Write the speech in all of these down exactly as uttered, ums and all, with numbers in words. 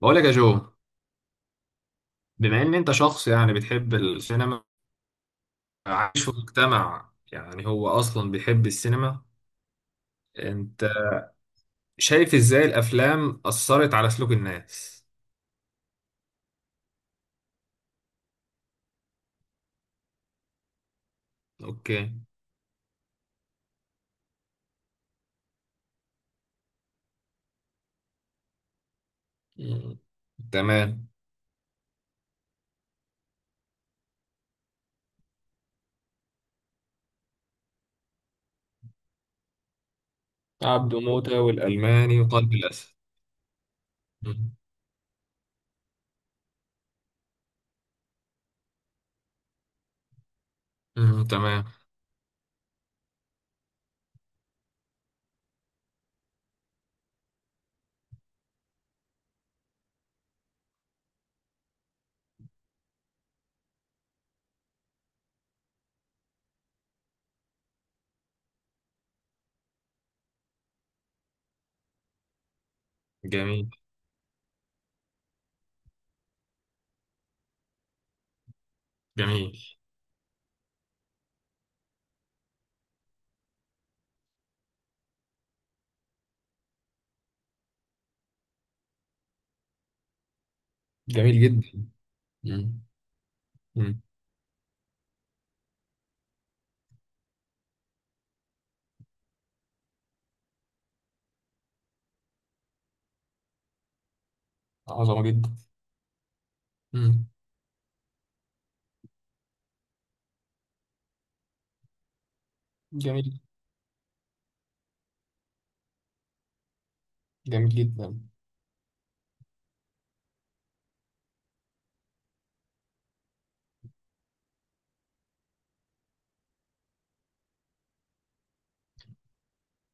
بقول لك يا جو، بما ان انت شخص يعني بتحب السينما، عايش في مجتمع يعني هو اصلا بيحب السينما. انت شايف ازاي الافلام اثرت على سلوك الناس؟ اوكي. مم. تمام. عبده موتة والالماني وقلب الاسد. مم. مم. تمام. جميل. جميل. جميل جدا. مم. مم. عظمة جدا. مم. جميل. جميل جدا.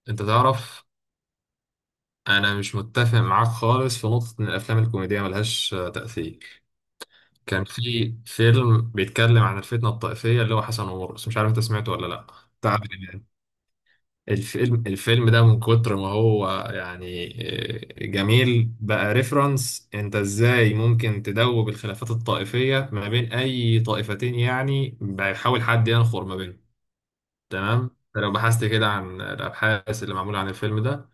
انت تعرف انا مش متفق معاك خالص في نقطة ان الافلام الكوميدية ملهاش آه، تأثير. كان في فيلم بيتكلم عن الفتنة الطائفية اللي هو حسن ومرقص، مش عارف انت سمعته ولا لا، بتاع عادل امام. الفيلم الفيلم ده من كتر ما هو يعني، آه، جميل بقى ريفرنس انت ازاي ممكن تدوب الخلافات الطائفية ما بين اي طائفتين، يعني بيحاول حد ينخر ما بينهم. تمام، لو بحثت كده عن الابحاث اللي معمولة عن الفيلم ده،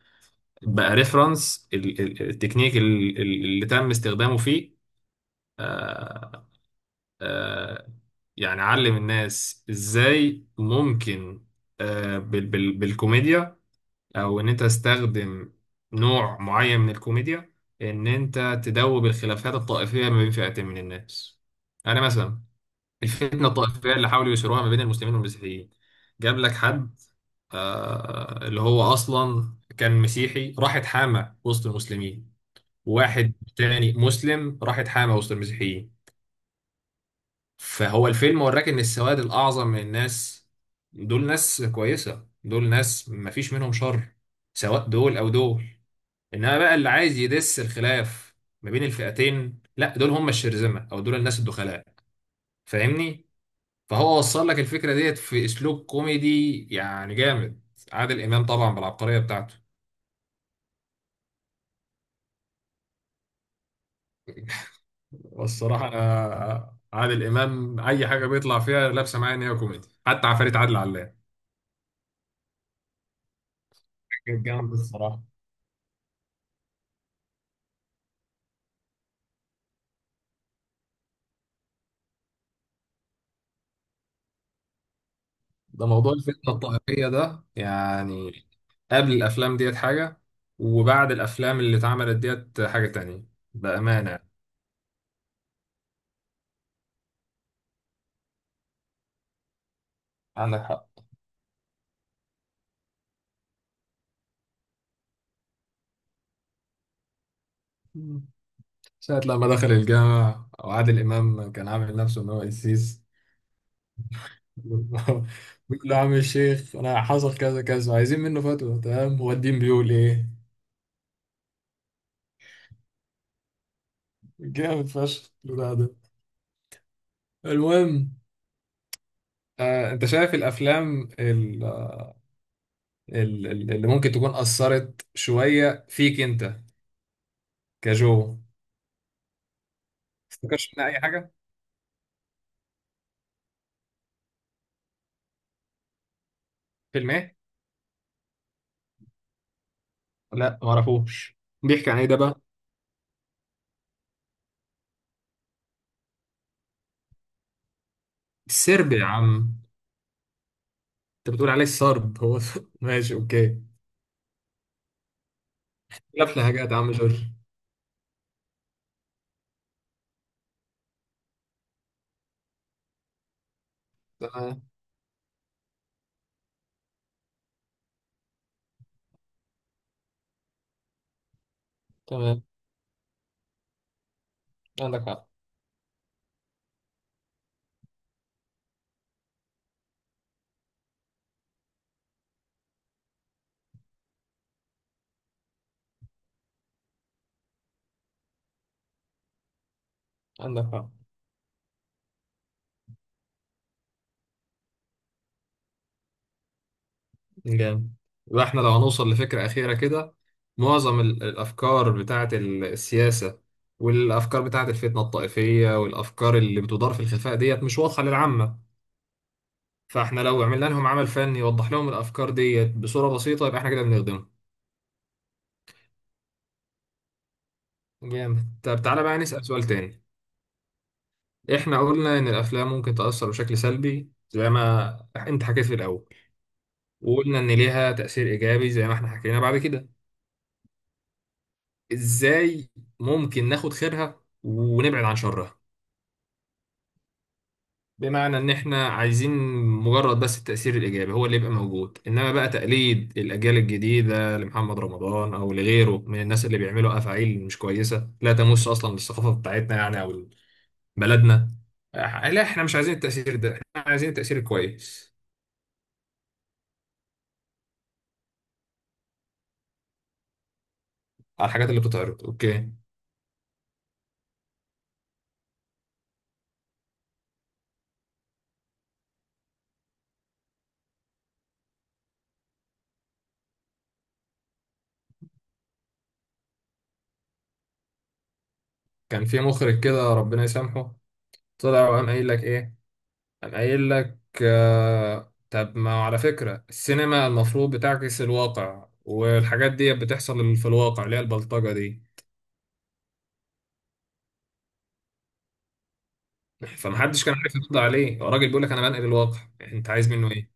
بقى ريفرنس التكنيك ال- ال- اللي تم استخدامه فيه، آه، آه، يعني علم الناس ازاي ممكن، آه، بال- بال- بالكوميديا، او ان انت تستخدم نوع معين من الكوميديا، ان انت تدوب الخلافات الطائفية ما بين فئتين من الناس. انا مثلا الفتنة الطائفية اللي حاولوا يثيروها ما بين المسلمين والمسيحيين، جاب لك حد آه، اللي هو اصلا كان مسيحي راح اتحامى وسط المسلمين، وواحد تاني مسلم راح اتحامى وسط المسيحيين. فهو الفيلم وراك ان السواد الاعظم من الناس دول ناس كويسه، دول ناس مفيش منهم شر، سواء دول او دول. انما بقى اللي عايز يدس الخلاف ما بين الفئتين، لا دول هم الشرذمه او دول الناس الدخلاء. فاهمني؟ فهو وصل لك الفكره ديت في اسلوب كوميدي يعني جامد. عادل امام طبعا بالعبقريه بتاعته. والصراحة أنا عادل إمام أي حاجة بيطلع فيها لابسة معايا إن هي كوميدي، حتى عفاريت عادل علام كانت جامدة الصراحة. ده موضوع الفتنة الطائفية ده يعني قبل الأفلام ديت حاجة، وبعد الأفلام اللي اتعملت ديت حاجة تانية، بأمانة. عندك حق. مم. ساعة لما دخل الجامع وعادل إمام كان عامل نفسه إن هو قسيس بيقول له: يا عم الشيخ أنا حصل كذا كذا، عايزين منه فتوى، تمام، هو الدين بيقول إيه؟ جامد فشخ البتاع ده. المهم، آه، انت شايف الافلام ال- ال- ال- اللي ممكن تكون اثرت شويه فيك انت كجو؟ تفتكرش منها اي حاجه؟ فيلم ايه؟ لا، ما اعرفوش. بيحكي عن ايه ده بقى؟ السرب يا عم! انت بتقول عليه السرب هو؟ ماشي، اوكي. لف حاجات يا عم جورج. تمام. تمام. عندك حق. عندك حق. جامد. يبقى احنا لو هنوصل لفكرة أخيرة كده، معظم ال- الأفكار بتاعة ال- السياسة والأفكار بتاعة الفتنة الطائفية والأفكار اللي بتدار في الخفاء ديت مش واضحة للعامة. فاحنا لو عملنا لهم عمل فني يوضح لهم الأفكار ديت بصورة بسيطة، يبقى احنا كده بنخدمهم. جامد. طب تعالى بقى نسأل سؤال تاني. احنا قلنا إن الأفلام ممكن تأثر بشكل سلبي، زي ما انت حكيت في الأول، وقلنا إن ليها تأثير إيجابي زي ما احنا حكينا بعد كده. إزاي ممكن ناخد خيرها ونبعد عن شرها؟ بمعنى ان احنا عايزين مجرد بس التأثير الايجابي هو اللي يبقى موجود، انما بقى تقليد الاجيال الجديدة لمحمد رمضان او لغيره من الناس اللي بيعملوا افاعيل مش كويسة، لا تمس اصلا للثقافة بتاعتنا يعني او بلدنا. آه، لا، احنا مش عايزين التأثير ده، احنا عايزين التأثير الكويس على الحاجات اللي بتتعرض. اوكي. كان في مخرج كده، ربنا يسامحه، طلع وقام قايل لك ايه؟ قام قايل لك: آه طب ما على فكرة السينما المفروض بتعكس الواقع، والحاجات دي بتحصل في الواقع، اللي هي البلطجة دي. فمحدش كان عارف يرد عليه. هو الراجل بيقول لك: انا بنقل الواقع، انت عايز منه ايه؟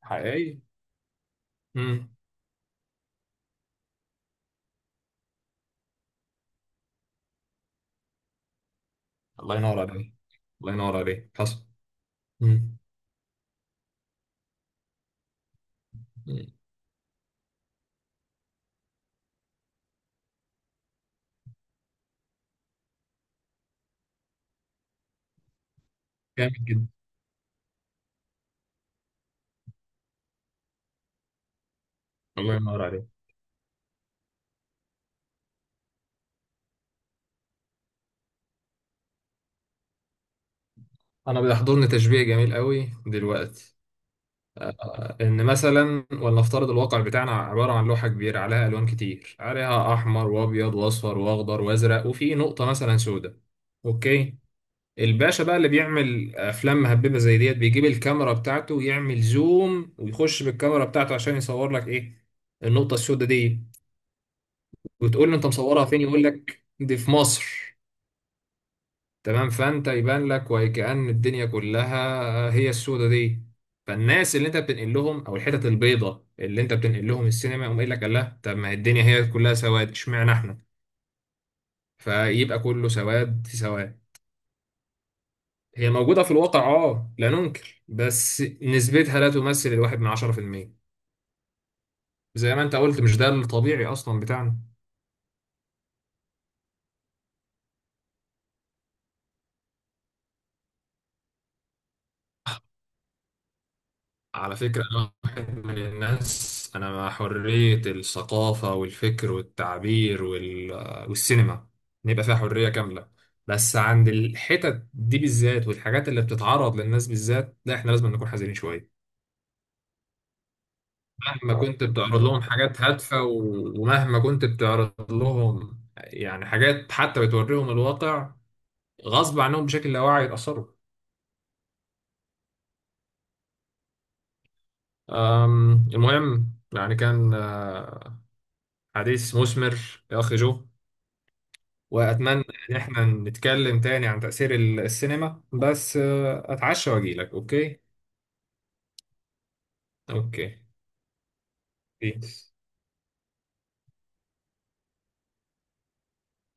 حقيقي. امم الله ينور عليك. الله ينور عليك، حصل. امم جامد جدا. الله ينور عليك. انا بيحضرني تشبيه جميل قوي دلوقتي، ان مثلا ولنفترض الواقع بتاعنا عباره عن لوحه كبيره، عليها الوان كتير، عليها احمر وابيض واصفر واخضر وازرق، وفي نقطه مثلا سوداء. اوكي. الباشا بقى اللي بيعمل افلام مهببه زي ديت بيجيب الكاميرا بتاعته ويعمل زوم ويخش بالكاميرا بتاعته عشان يصور لك ايه؟ النقطه السوداء دي. وتقول له: انت مصورها فين؟ يقول لك: دي في مصر. تمام. فانت يبان لك وكأن الدنيا كلها هي السودة دي. فالناس اللي انت بتنقل لهم، او الحتت البيضة اللي انت بتنقل لهم السينما، يقوم قايل لك: الله، طب ما هي الدنيا هي كلها سواد، اشمعنى احنا؟ فيبقى كله سواد في سواد. هي موجودة في الواقع، اه، لا ننكر، بس نسبتها لا تمثل الواحد من عشرة في المية. زي ما انت قلت، مش ده الطبيعي اصلا بتاعنا. على فكرة أنا واحد من الناس أنا مع حرية الثقافة والفكر والتعبير وال... والسينما، نبقى فيها حرية كاملة، بس عند الحتت دي بالذات والحاجات اللي بتتعرض للناس بالذات، لا، إحنا لازم نكون حذرين شوية. مهما آه. كنت بتعرض لهم حاجات هادفة و... ومهما كنت بتعرض لهم يعني حاجات حتى بتوريهم الواقع، غصب عنهم بشكل لا واعي يتأثروا. أم، المهم يعني كان آه، حديث مثمر يا أخي جو. وأتمنى إن إحنا نتكلم تاني عن تأثير السينما، بس آه، أتعشى وأجيلك، أوكي؟ أوكي. بيس.